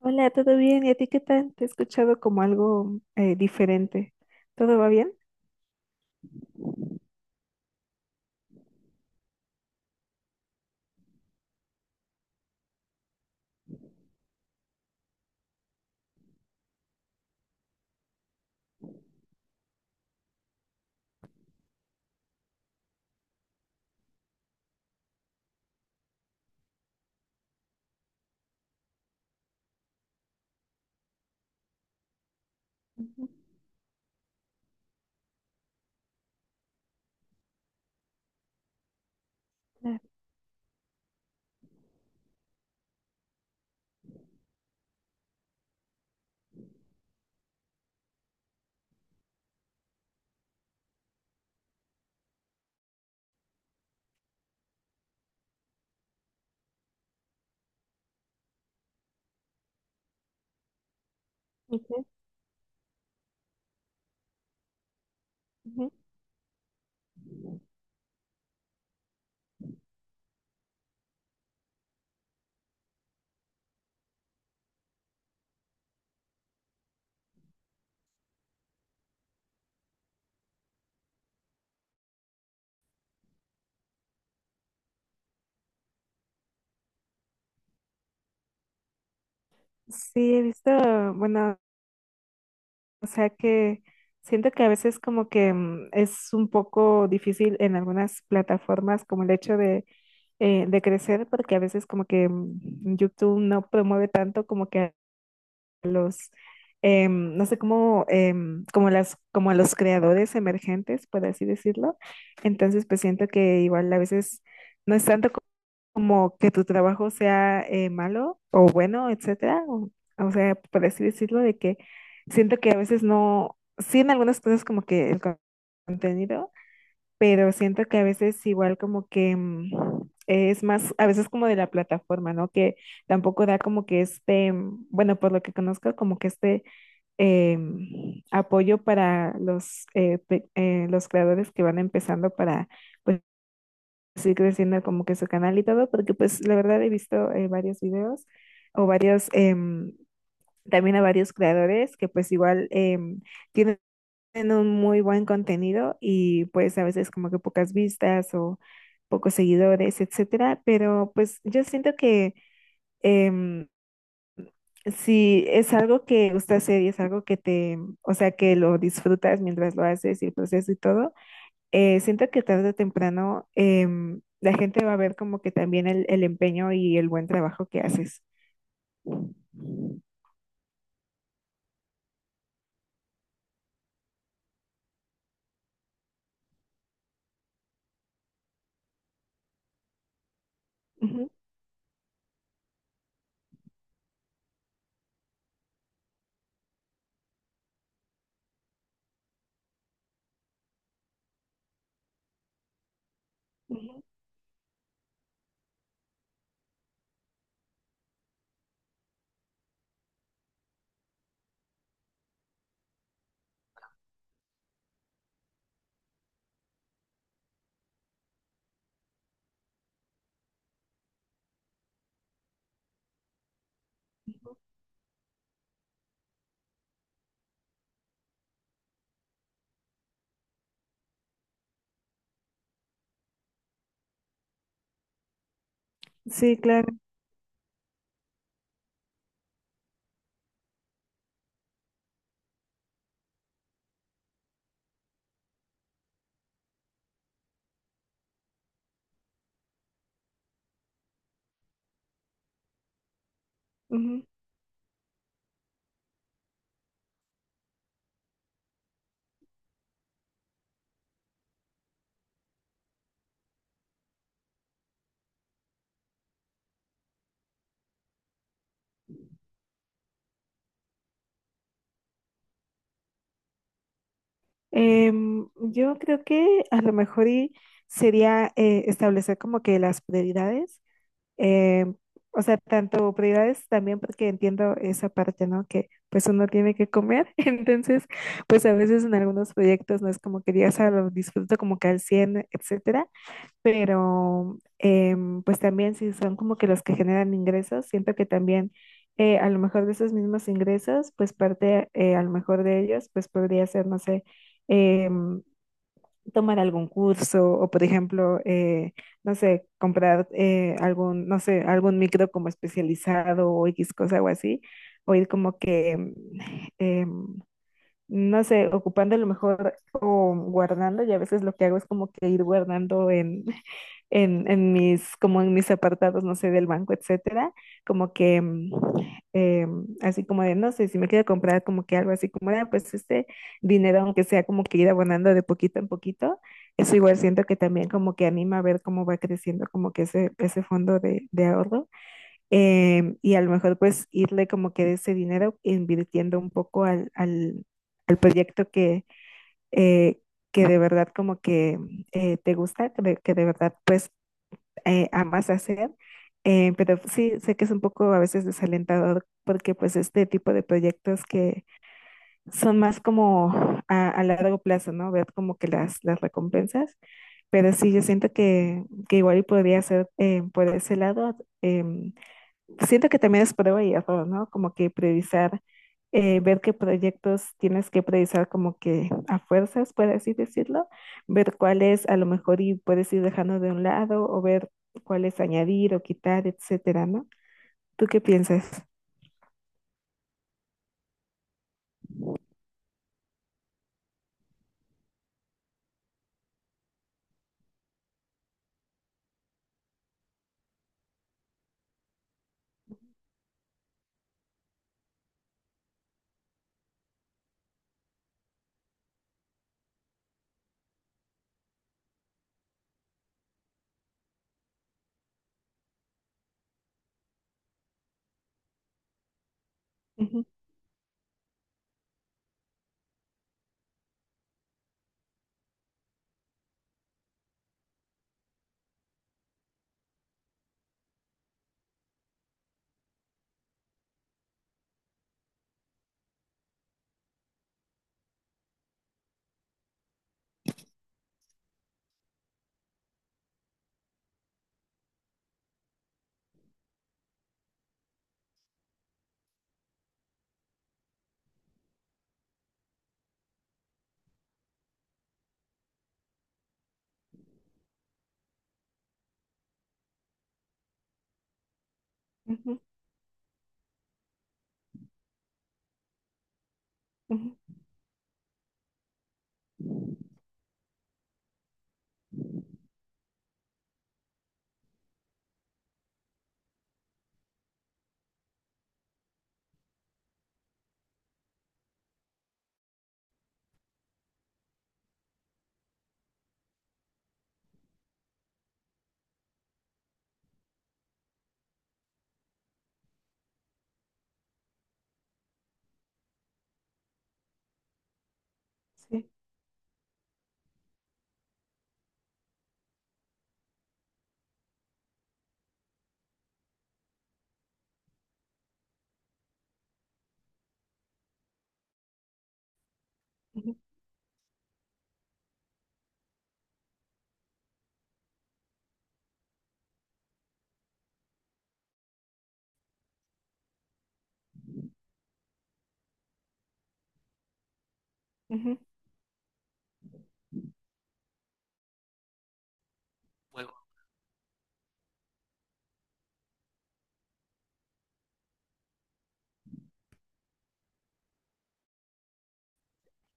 Hola, ¿todo bien? ¿Y a ti qué tal? Te he escuchado como algo diferente. ¿Todo va bien? Ujú, claro. Ok, ujú. Sí, he visto, bueno, o sea que siento que a veces como que es un poco difícil en algunas plataformas como el hecho de crecer, porque a veces como que YouTube no promueve tanto como que a los, no sé cómo, como las, como a los creadores emergentes, por así decirlo. Entonces pues siento que igual a veces no es tanto como que tu trabajo sea malo o bueno, etcétera. O sea, por así decirlo, de que siento que a veces no, sí en algunas cosas como que el contenido, pero siento que a veces igual como que es más, a veces como de la plataforma, ¿no? Que tampoco da como que este, bueno, por lo que conozco, como que este apoyo para los, los creadores que van empezando para pues, así creciendo como que su canal y todo, porque pues la verdad he visto varios videos o varios, también a varios creadores que pues igual tienen un muy buen contenido y pues a veces como que pocas vistas o pocos seguidores, etcétera, pero pues yo siento que em, si es algo que gusta hacer y es algo que te, o sea, que lo disfrutas mientras lo haces y el proceso y todo, siento que tarde o temprano la gente va a ver como que también el empeño y el buen trabajo que haces. Ujú, ujú. Sí, claro. Ujú. Yo creo que a lo mejor y sería establecer como que las prioridades. Eh, o sea, tanto prioridades también porque entiendo esa parte, ¿no? Que pues uno tiene que comer, entonces pues a veces en algunos proyectos no es como que digas, ah, lo disfruto como que al 100 etcétera, pero pues también si son como que los que generan ingresos, siento que también a lo mejor de esos mismos ingresos, pues parte a lo mejor de ellos, pues podría ser, no sé, em, tomar algún curso o, por ejemplo, no sé, comprar algún, no sé, algún micro como especializado o X cosa o así, o ir como que, em, no sé, ocupando a lo mejor o guardando, y a veces lo que hago es como que ir guardando en, en mis, como en mis apartados, no sé, del banco, etcétera, como que así como de, no sé, si me quiero comprar como que algo así como de, ah, pues este dinero, aunque sea como que ir abonando de poquito en poquito, eso igual siento que también como que anima a ver cómo va creciendo como que ese fondo de ahorro y a lo mejor pues irle como que de ese dinero invirtiendo un poco al, al, al proyecto eh, que de verdad como que te gusta, que de verdad pues amas hacer. Pero sí, sé que es un poco a veces desalentador porque pues este tipo de proyectos que son más como a largo plazo, ¿no? Ver como que las recompensas. Pero sí, yo siento que igual y podría ser por ese lado, em, siento que también es prueba y error, ¿no? Como que priorizar, ver qué proyectos tienes que priorizar como que a fuerzas, por así decirlo, ver cuáles a lo mejor y puedes ir dejando de un lado o ver cuáles añadir o quitar, etcétera, ¿no? ¿Tú qué piensas? Ujú, ujú, ujú, sí, ujú, ujú. Bueno,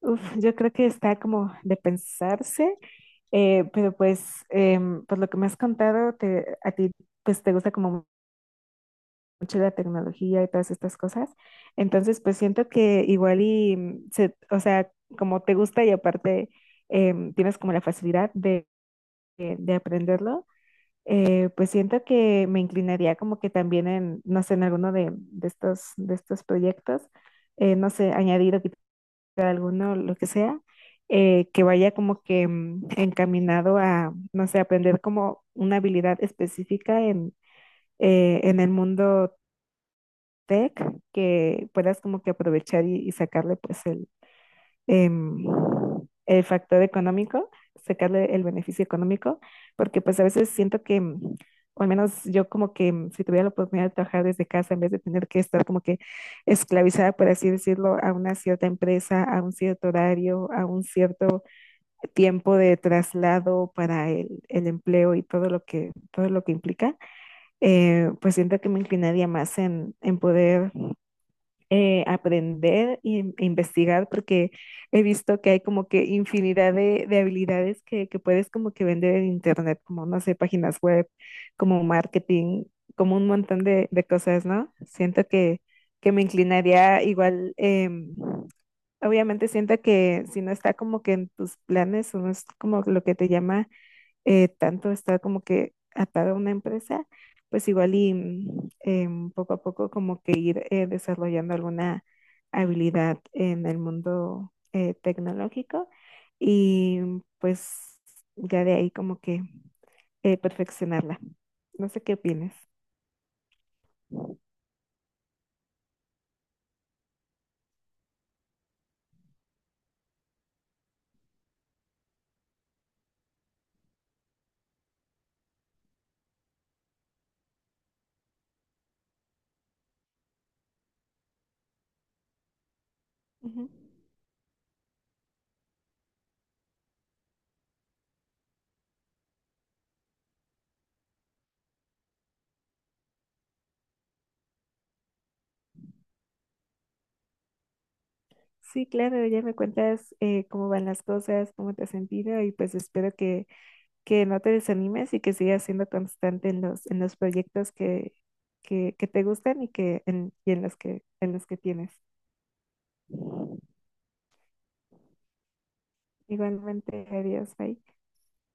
uf, yo creo que está como de pensarse. Pero pues, por lo que me has contado, te, a ti pues te gusta como mucho la tecnología y todas estas cosas. Entonces, pues siento que igual y, o sea, como te gusta y aparte tienes como la facilidad de, de aprenderlo, pues siento que me inclinaría como que también en, no sé, en alguno de estos proyectos, no sé, añadir o alguno, lo que sea, que vaya como que encaminado a, no sé, aprender como una habilidad específica en el mundo tech, que puedas como que aprovechar y sacarle pues el, em, el factor económico, sacarle el beneficio económico, porque pues a veces siento que, o al menos yo como que si tuviera la oportunidad de trabajar desde casa en vez de tener que estar como que esclavizada, por así decirlo, a una cierta empresa, a un cierto horario, a un cierto tiempo de traslado para el empleo y todo lo que implica, pues siento que me inclinaría más en poder aprender e investigar porque he visto que hay como que infinidad de habilidades que puedes como que vender en internet, como no sé, páginas web, como marketing, como un montón de cosas, ¿no? Siento que me inclinaría igual, obviamente siento que si no está como que en tus planes o no es como lo que te llama tanto estar como que atado a una empresa, pues igual y poco a poco como que ir desarrollando alguna habilidad en el mundo tecnológico y pues ya de ahí como que perfeccionarla. No sé qué opinas. Ujú. Sí, claro, ya me cuentas cómo van las cosas, cómo te has sentido y pues espero que no te desanimes y que sigas siendo constante en los proyectos que te gustan y que en, y en los que tienes. Igualmente, adiós, bye.